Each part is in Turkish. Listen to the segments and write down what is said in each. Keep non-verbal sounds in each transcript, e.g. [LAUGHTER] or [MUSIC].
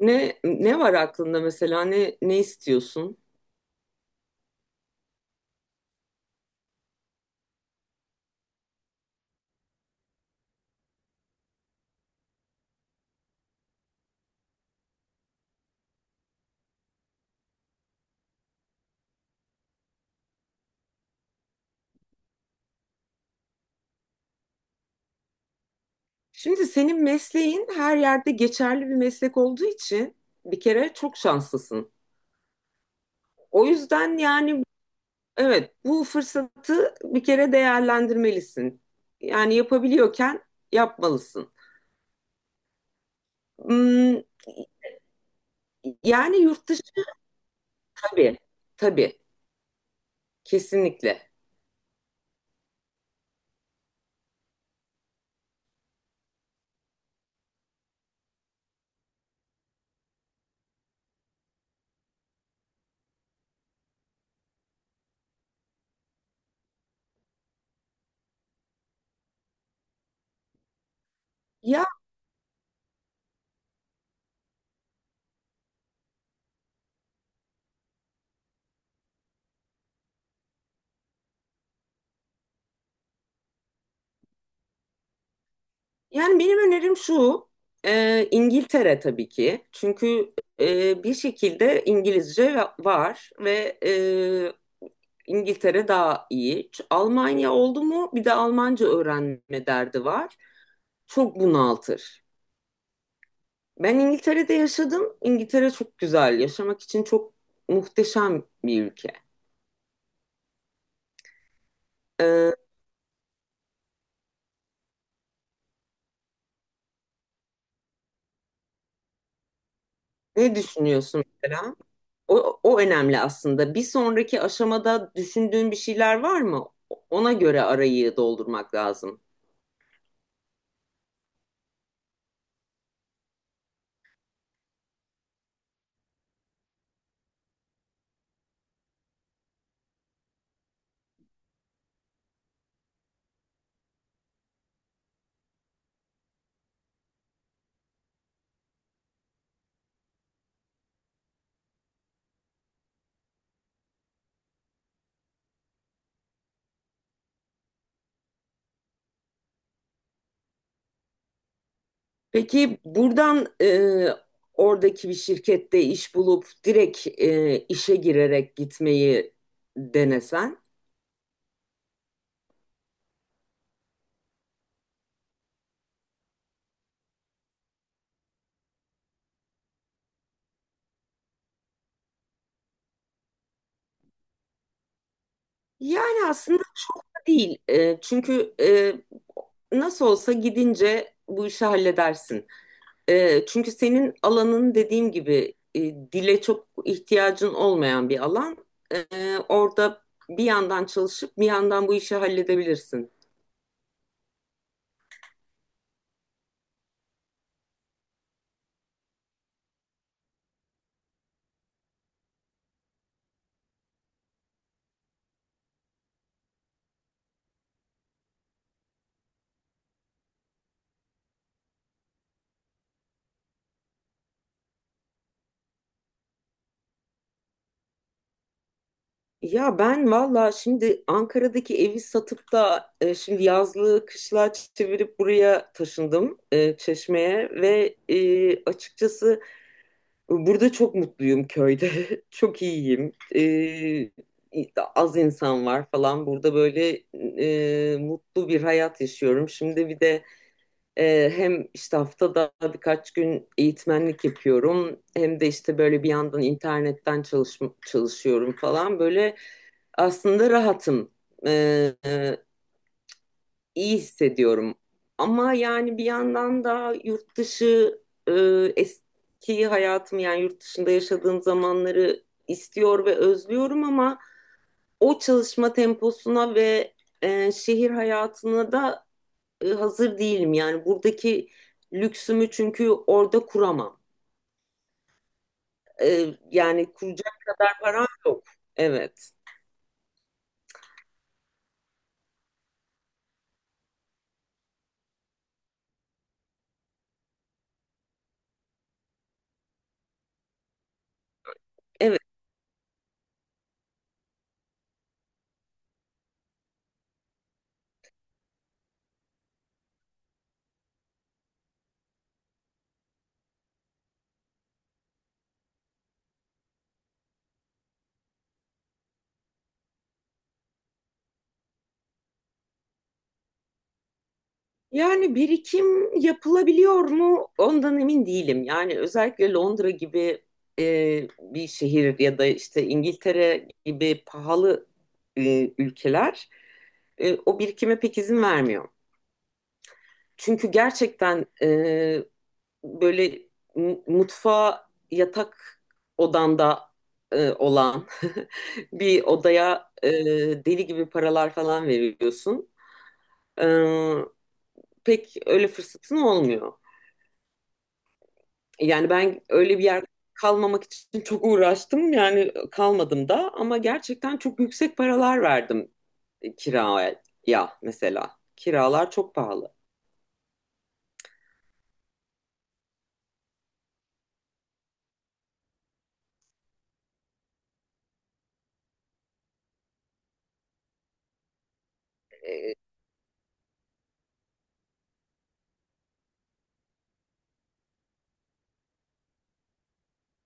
Ne var aklında mesela ne istiyorsun? Şimdi senin mesleğin her yerde geçerli bir meslek olduğu için bir kere çok şanslısın. O yüzden yani evet, bu fırsatı bir kere değerlendirmelisin. Yani yapabiliyorken yapmalısın. Hmm, yani yurt dışı, tabii, tabii, kesinlikle. Ya Yani benim önerim şu, İngiltere tabii ki. Çünkü bir şekilde İngilizce var ve İngiltere daha iyi. Almanya oldu mu bir de Almanca öğrenme derdi var. Çok bunaltır. Ben İngiltere'de yaşadım. İngiltere çok güzel. Yaşamak için çok muhteşem bir ülke. E, Ne düşünüyorsun mesela? O önemli aslında. Bir sonraki aşamada düşündüğün bir şeyler var mı? Ona göre arayı doldurmak lazım. Peki buradan oradaki bir şirkette iş bulup direkt işe girerek gitmeyi denesen? Yani aslında çok da değil. Çünkü nasıl olsa gidince bu işi halledersin. Çünkü senin alanın dediğim gibi, dile çok ihtiyacın olmayan bir alan. E, Orada bir yandan çalışıp bir yandan bu işi halledebilirsin. Ya ben valla şimdi Ankara'daki evi satıp da şimdi yazlığı kışlığa çevirip buraya taşındım, Çeşme'ye, ve açıkçası burada çok mutluyum köyde. [LAUGHS] Çok iyiyim. Az insan var falan. Burada böyle mutlu bir hayat yaşıyorum. Şimdi bir de hem işte haftada birkaç gün eğitmenlik yapıyorum. Hem de işte böyle bir yandan internetten çalışıyorum falan. Böyle aslında rahatım. Ee, iyi hissediyorum. Ama yani bir yandan da yurt dışı, e, eski hayatım, yani yurt dışında yaşadığım zamanları istiyor ve özlüyorum, ama o çalışma temposuna ve şehir hayatına da hazır değilim. Yani buradaki lüksümü çünkü orada kuramam. E, Yani kuracak param yok. Evet. Evet. Yani birikim yapılabiliyor mu? Ondan emin değilim. Yani özellikle Londra gibi bir şehir ya da işte İngiltere gibi pahalı ülkeler o birikime pek izin vermiyor. Çünkü gerçekten, böyle, mutfağa yatak odanda olan [LAUGHS] bir odaya deli gibi paralar falan veriyorsun. E, Pek öyle fırsatın olmuyor. Yani ben öyle bir yer kalmamak için çok uğraştım. Yani kalmadım da, ama gerçekten çok yüksek paralar verdim kiraya mesela. Kiralar çok pahalı. E,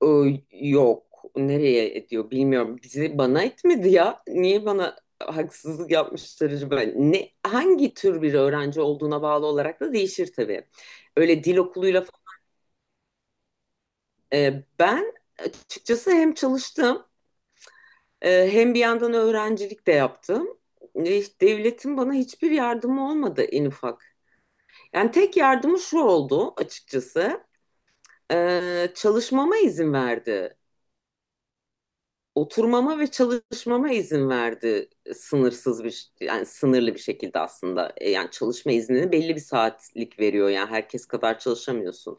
O, yok. Nereye ediyor bilmiyorum. Bizi bana etmedi ya. Niye bana haksızlık yapmışlar acaba? Ne, hangi tür bir öğrenci olduğuna bağlı olarak da değişir tabii. Öyle dil okuluyla ben açıkçası hem çalıştım, hem bir yandan öğrencilik de yaptım. E, Devletin bana hiçbir yardımı olmadı en ufak. Yani tek yardımı şu oldu açıkçası. Çalışmama izin verdi. Oturmama ve çalışmama izin verdi, sınırsız bir, yani sınırlı bir şekilde aslında. Yani çalışma iznini belli bir saatlik veriyor, yani herkes kadar çalışamıyorsun,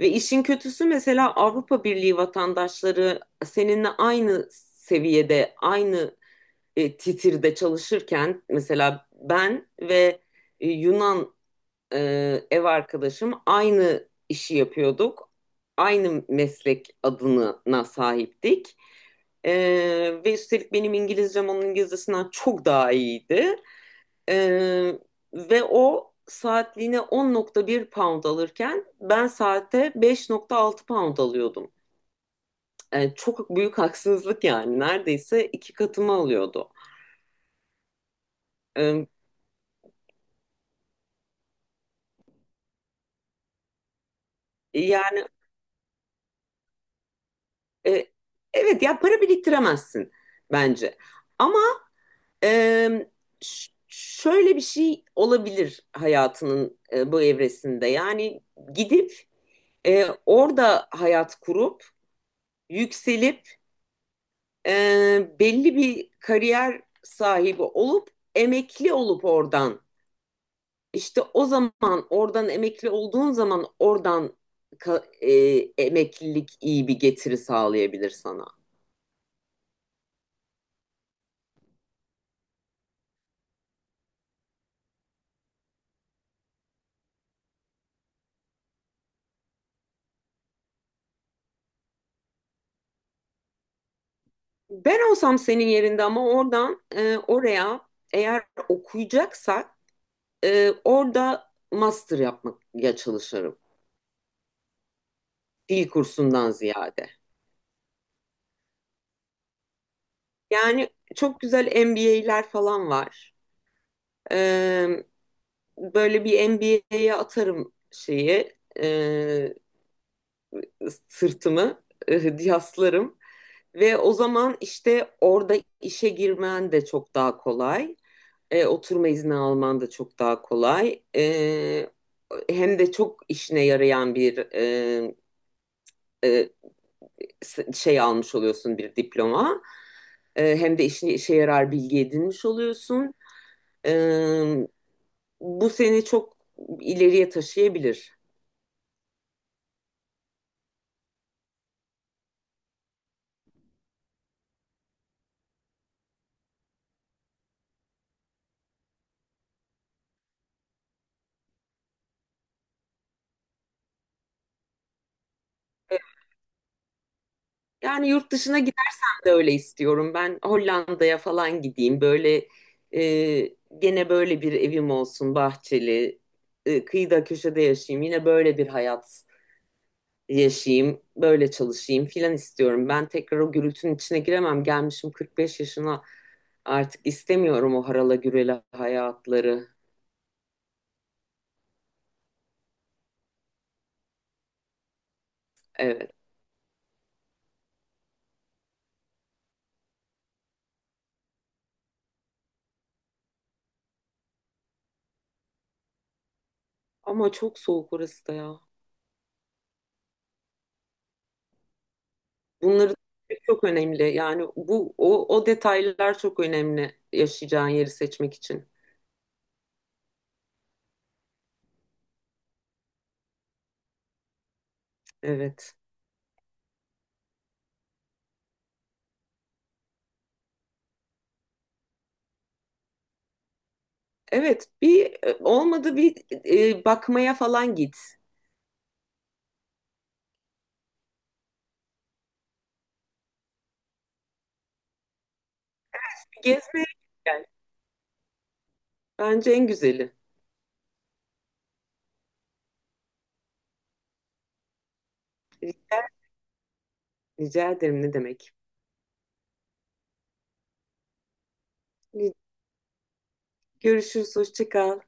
ve işin kötüsü mesela Avrupa Birliği vatandaşları seninle aynı seviyede, aynı titirde çalışırken, mesela ben ve Yunan e, ev arkadaşım aynı işi yapıyorduk. Aynı meslek adına sahiptik. E, Ve üstelik benim İngilizcem onun İngilizcesinden çok daha iyiydi. E, Ve o saatliğine 10.1 pound alırken ben saate 5.6 pound alıyordum. Çok büyük haksızlık yani. Neredeyse iki katımı alıyordu. E, Yani, e, evet, ya para biriktiremezsin bence. Ama Ee, şöyle bir şey olabilir hayatının bu evresinde. Yani gidip orada hayat kurup, yükselip, e, belli bir kariyer sahibi olup, emekli olup oradan, işte o zaman oradan emekli olduğun zaman oradan ka- emeklilik iyi bir getiri sağlayabilir sana. Ben olsam senin yerinde, ama oradan oraya, eğer okuyacaksak, orada master yapmaya çalışırım. Dil kursundan ziyade. Yani çok güzel MBA'ler falan var. Ee, Böyle bir MBA'ye atarım şeyi, e, sırtımı, yaslarım. Ve o zaman işte orada işe girmen de çok daha kolay. Oturma izni alman da çok daha kolay. Hem de çok işine yarayan bir e, şey almış oluyorsun, bir diploma. Hem de işe yarar bilgi edinmiş oluyorsun. E, Bu seni çok ileriye taşıyabilir. Yani yurt dışına gidersen de öyle istiyorum. Ben Hollanda'ya falan gideyim. Böyle e, gene böyle bir evim olsun, bahçeli, kıyıda köşede yaşayayım. Yine böyle bir hayat yaşayayım, böyle çalışayım filan istiyorum. Ben tekrar o gürültünün içine giremem. Gelmişim 45 yaşına, artık istemiyorum o harala gürele hayatları. Evet. Ama çok soğuk orası da ya. Bunları çok önemli. Yani bu o detaylar çok önemli yaşayacağın yeri seçmek için. Evet. Evet, bir olmadı, bir bakmaya falan git. Gezmeye gel. Bence en güzeli. Rica, rica ederim ne demek. Görüşürüz, hoşça kal.